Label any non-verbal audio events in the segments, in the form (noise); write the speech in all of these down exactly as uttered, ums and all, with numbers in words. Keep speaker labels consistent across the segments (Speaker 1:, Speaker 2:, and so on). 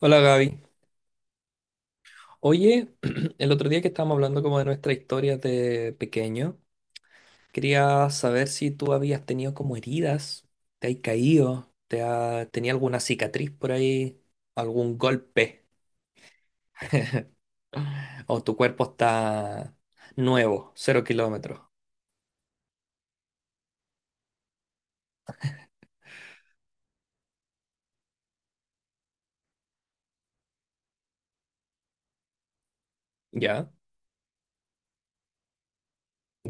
Speaker 1: Hola Gaby. Oye, (clears throat) el otro día que estábamos hablando como de nuestra historia de pequeño, quería saber si tú habías tenido como heridas, te has caído, te ha, tenía alguna cicatriz por ahí, algún golpe, o tu cuerpo está nuevo, cero kilómetros. ¿Ya?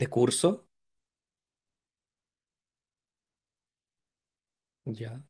Speaker 1: De curso. ¿Ya?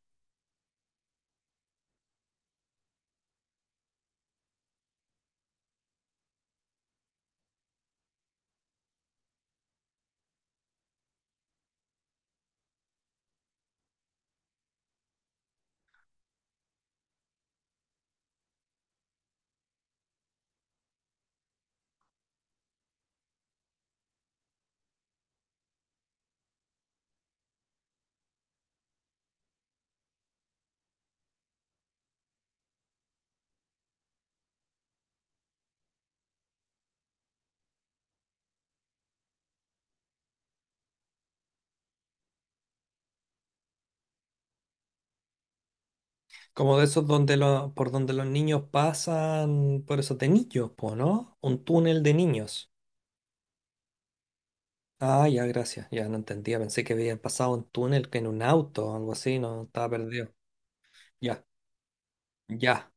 Speaker 1: Como de esos donde lo, por donde los niños pasan, por esos de niños, po, ¿no? Un túnel de niños. Ah, ya, gracias. Ya no entendía. Pensé que había pasado un túnel que en un auto o algo así. No, estaba perdido. Ya, ya.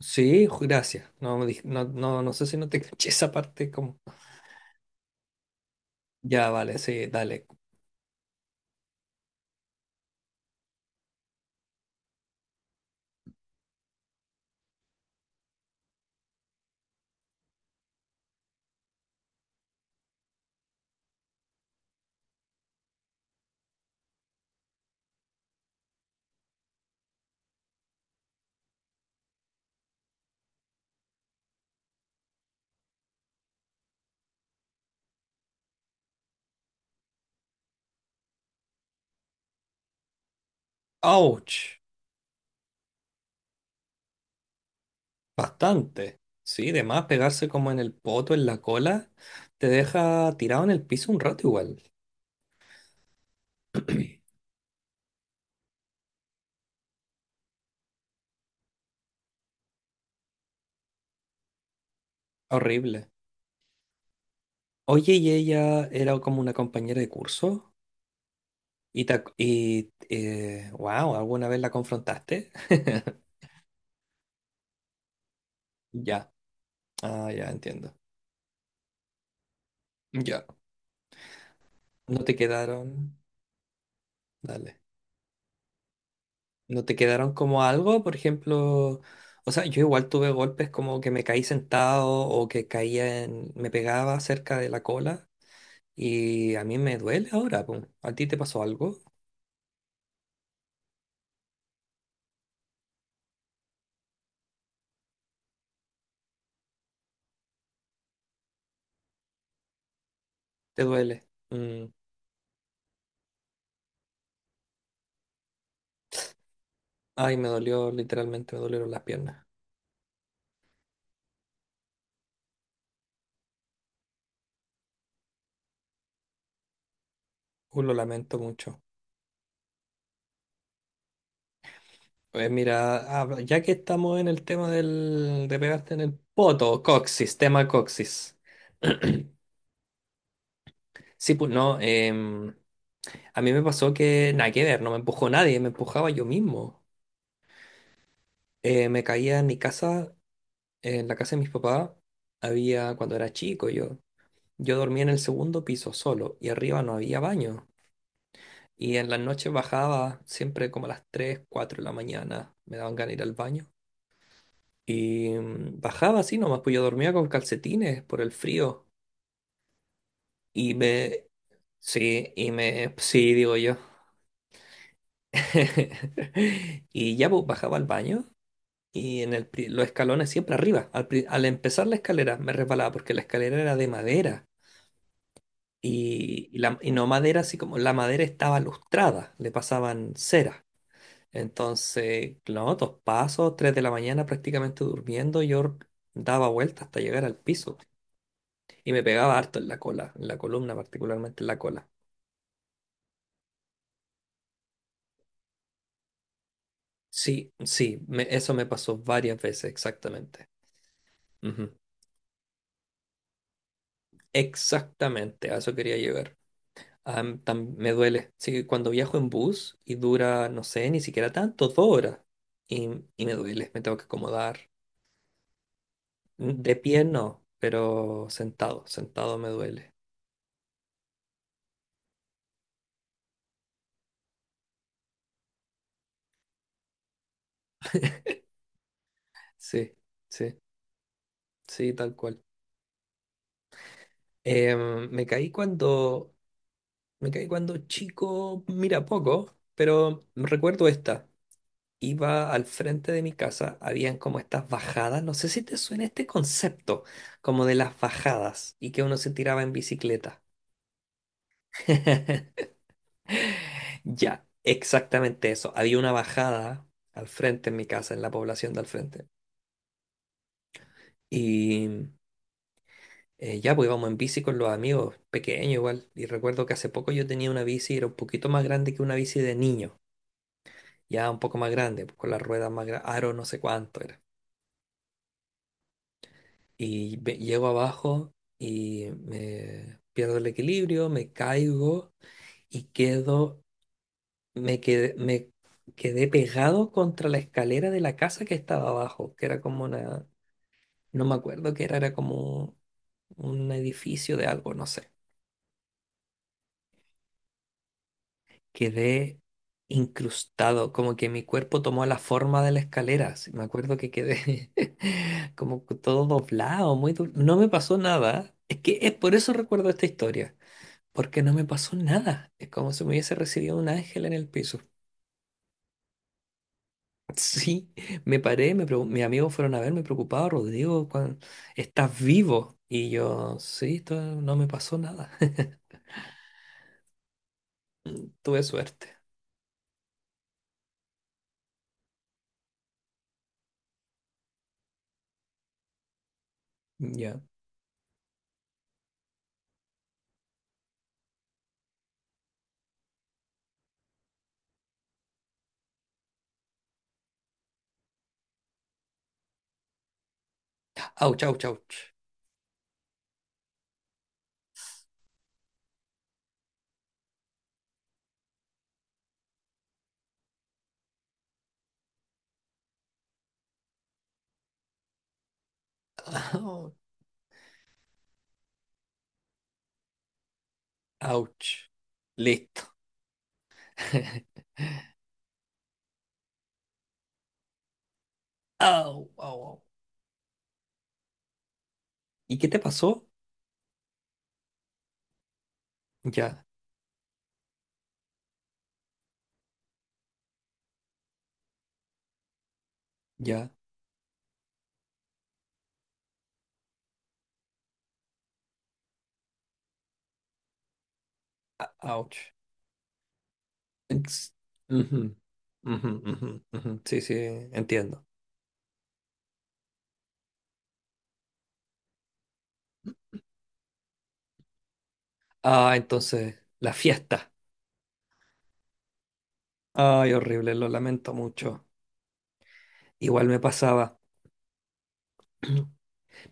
Speaker 1: Sí, ju- gracias. No, me dij- no, no, no sé si no te (laughs) caché esa parte como. Ya, vale, sí, dale. ¡Auch! Bastante. Sí, de más pegarse como en el poto, en la cola, te deja tirado en el piso un rato igual. (clears throat) Horrible. Oye, ¿y ella era como una compañera de curso y, te ac- y eh, wow, alguna vez la confrontaste? (laughs) Ya. Ah, ya entiendo. Ya. No te quedaron, dale. No te quedaron como algo, por ejemplo, o sea, yo igual tuve golpes como que me caí sentado o que caía en, me pegaba cerca de la cola y a mí me duele ahora, po. ¿A ti te pasó algo? ¿Te duele? Mm. Ay, me dolió, literalmente me dolieron las piernas. Uh, lo lamento mucho. Pues mira, hab- ya que estamos en el tema del, de pegarte en el poto, coxis, tema coxis. (clears throat) Sí, pues no. em, A mí me pasó que nada que ver, no me empujó nadie, me empujaba yo mismo. Eh, me caía en mi casa, en la casa de mis papás, había cuando era chico yo. Yo dormía en el segundo piso solo y arriba no había baño. Y en las noches bajaba siempre como a las tres, cuatro de la mañana, me daban ganas de ir al baño. Y mm, bajaba así nomás, pues yo dormía con calcetines por el frío. Y me... Sí, y me... Sí, digo yo. (laughs) Y ya pues, bajaba al baño. Y en el, pri- los escalones siempre arriba. Al, pri- al empezar la escalera me resbalaba porque la escalera era de madera. Y, y la, y no madera, así como la madera estaba lustrada, le pasaban cera. Entonces, no, dos pasos, tres de la mañana prácticamente durmiendo, yo daba vueltas hasta llegar al piso y me pegaba harto en la cola, en la columna, particularmente en la cola. Sí, sí, me- eso me pasó varias veces, exactamente. Ujú. Exactamente, a eso quería llegar. Ah, tam- me duele. Sí, cuando viajo en bus y dura, no sé, ni siquiera tanto, dos horas. Y, y me duele, me tengo que acomodar. Mm, De pie no, pero sentado, sentado me duele. Sí, sí, sí, tal cual. Em, me caí cuando, me caí cuando chico, mira poco, pero recuerdo esta. Iba al frente de mi casa, habían como estas bajadas, no sé si te suena este concepto, como de las bajadas y que uno se tiraba en bicicleta. (laughs) Ya, exactamente eso. Había una bajada al frente en mi casa, en la población de al frente. Y eh, ya, pues íbamos en bici con los amigos, pequeño igual. Y recuerdo que hace poco yo tenía una bici, era un poquito más grande que una bici de niño. Ya un poco más grande, pues, con las ruedas más grandes, aro no sé cuánto era. Y ve- llego abajo y me pierdo el equilibrio, me caigo y quedo me quedé, me quedé pegado contra la escalera de la casa que estaba abajo, que era como una, no me acuerdo qué era, era como un edificio de algo, no sé. Quedé incrustado, como que mi cuerpo tomó la forma de la escalera. Así, me acuerdo que quedé (laughs) como que todo doblado, muy do- no me pasó nada. Es que es por eso recuerdo esta historia, porque no me pasó nada. Es como si me hubiese recibido un ángel en el piso. Sí, me paré, me pregu- mis amigos fueron a verme preocupados, Rodrigo, cuan- ¿estás vivo? Y yo, sí, esto no me pasó nada. (laughs) Tuve suerte. Ya. Auch, auch, auch. Au, ouch. Listo. (laughs) Au, au, au. ¿Y qué te pasó? Ya, ya. A- Ouch. Ex- Ujú, ujú, ujú, ujú. Sí, sí, entiendo. Ah, entonces, la fiesta. Ay, horrible, lo lamento mucho. Igual me pasaba. (clears throat)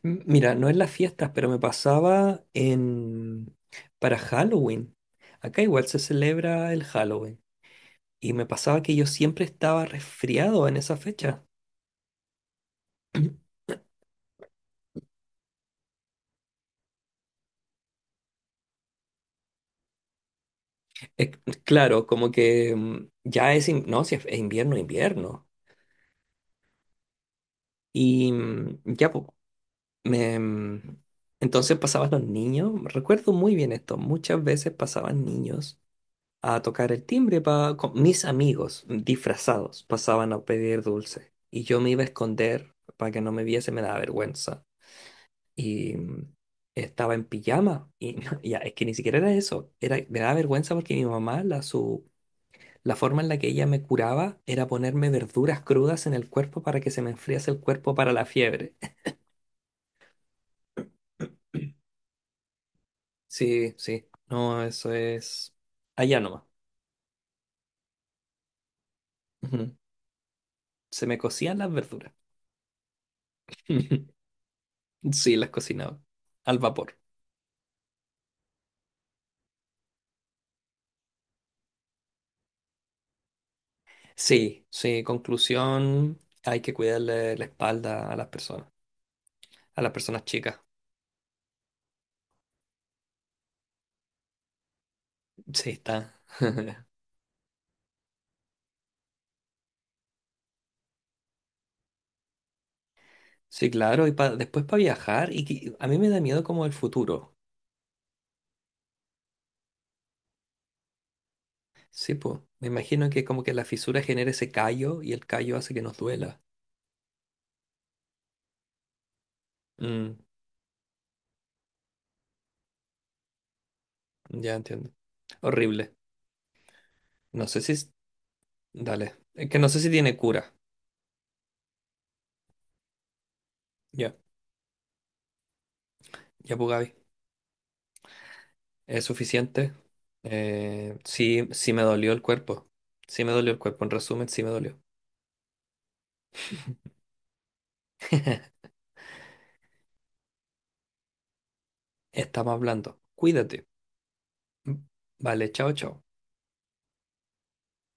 Speaker 1: M- Mira, no en las fiestas, pero me pasaba en para Halloween. Acá igual se celebra el Halloween. Y me pasaba que yo siempre estaba resfriado en esa fecha. (clears throat) Eh, claro, como que mm, ya es, in- no, si es es invierno, invierno. Y mm, ya, po, me, mm, entonces pasaban los niños, recuerdo muy bien esto, muchas veces pasaban niños a tocar el timbre para mis amigos disfrazados, pasaban a pedir dulce y yo me iba a esconder para que no me viese, me daba vergüenza y mm, estaba en pijama y (laughs) no, ya, es que ni siquiera era eso, era, me daba vergüenza porque mi mamá, la, su, la forma en la que ella me curaba era ponerme verduras crudas en el cuerpo para que se me enfriase el cuerpo para la fiebre. (laughs) Sí, sí, no, eso es allá nomás. Ujú. Se me cocían las verduras. (laughs) Sí, las cocinaba al vapor. Sí, sí, conclusión, hay que cuidarle la espalda a las personas, a las personas chicas. Sí, está. (laughs) Sí, claro, y pa- después para viajar, y que- a mí me da miedo como el futuro. Sí, pues, me imagino que como que la fisura genera ese callo y el callo hace que nos duela. Mm, ya entiendo. Horrible. No sé si... es- Dale. Es que no sé si tiene cura. Ya, ya pues Gaby. ¿Es suficiente? Eh, sí, sí me dolió el cuerpo. Sí me dolió el cuerpo, en resumen, sí me dolió. (laughs) Estamos hablando. Cuídate. Vale, chao, chao.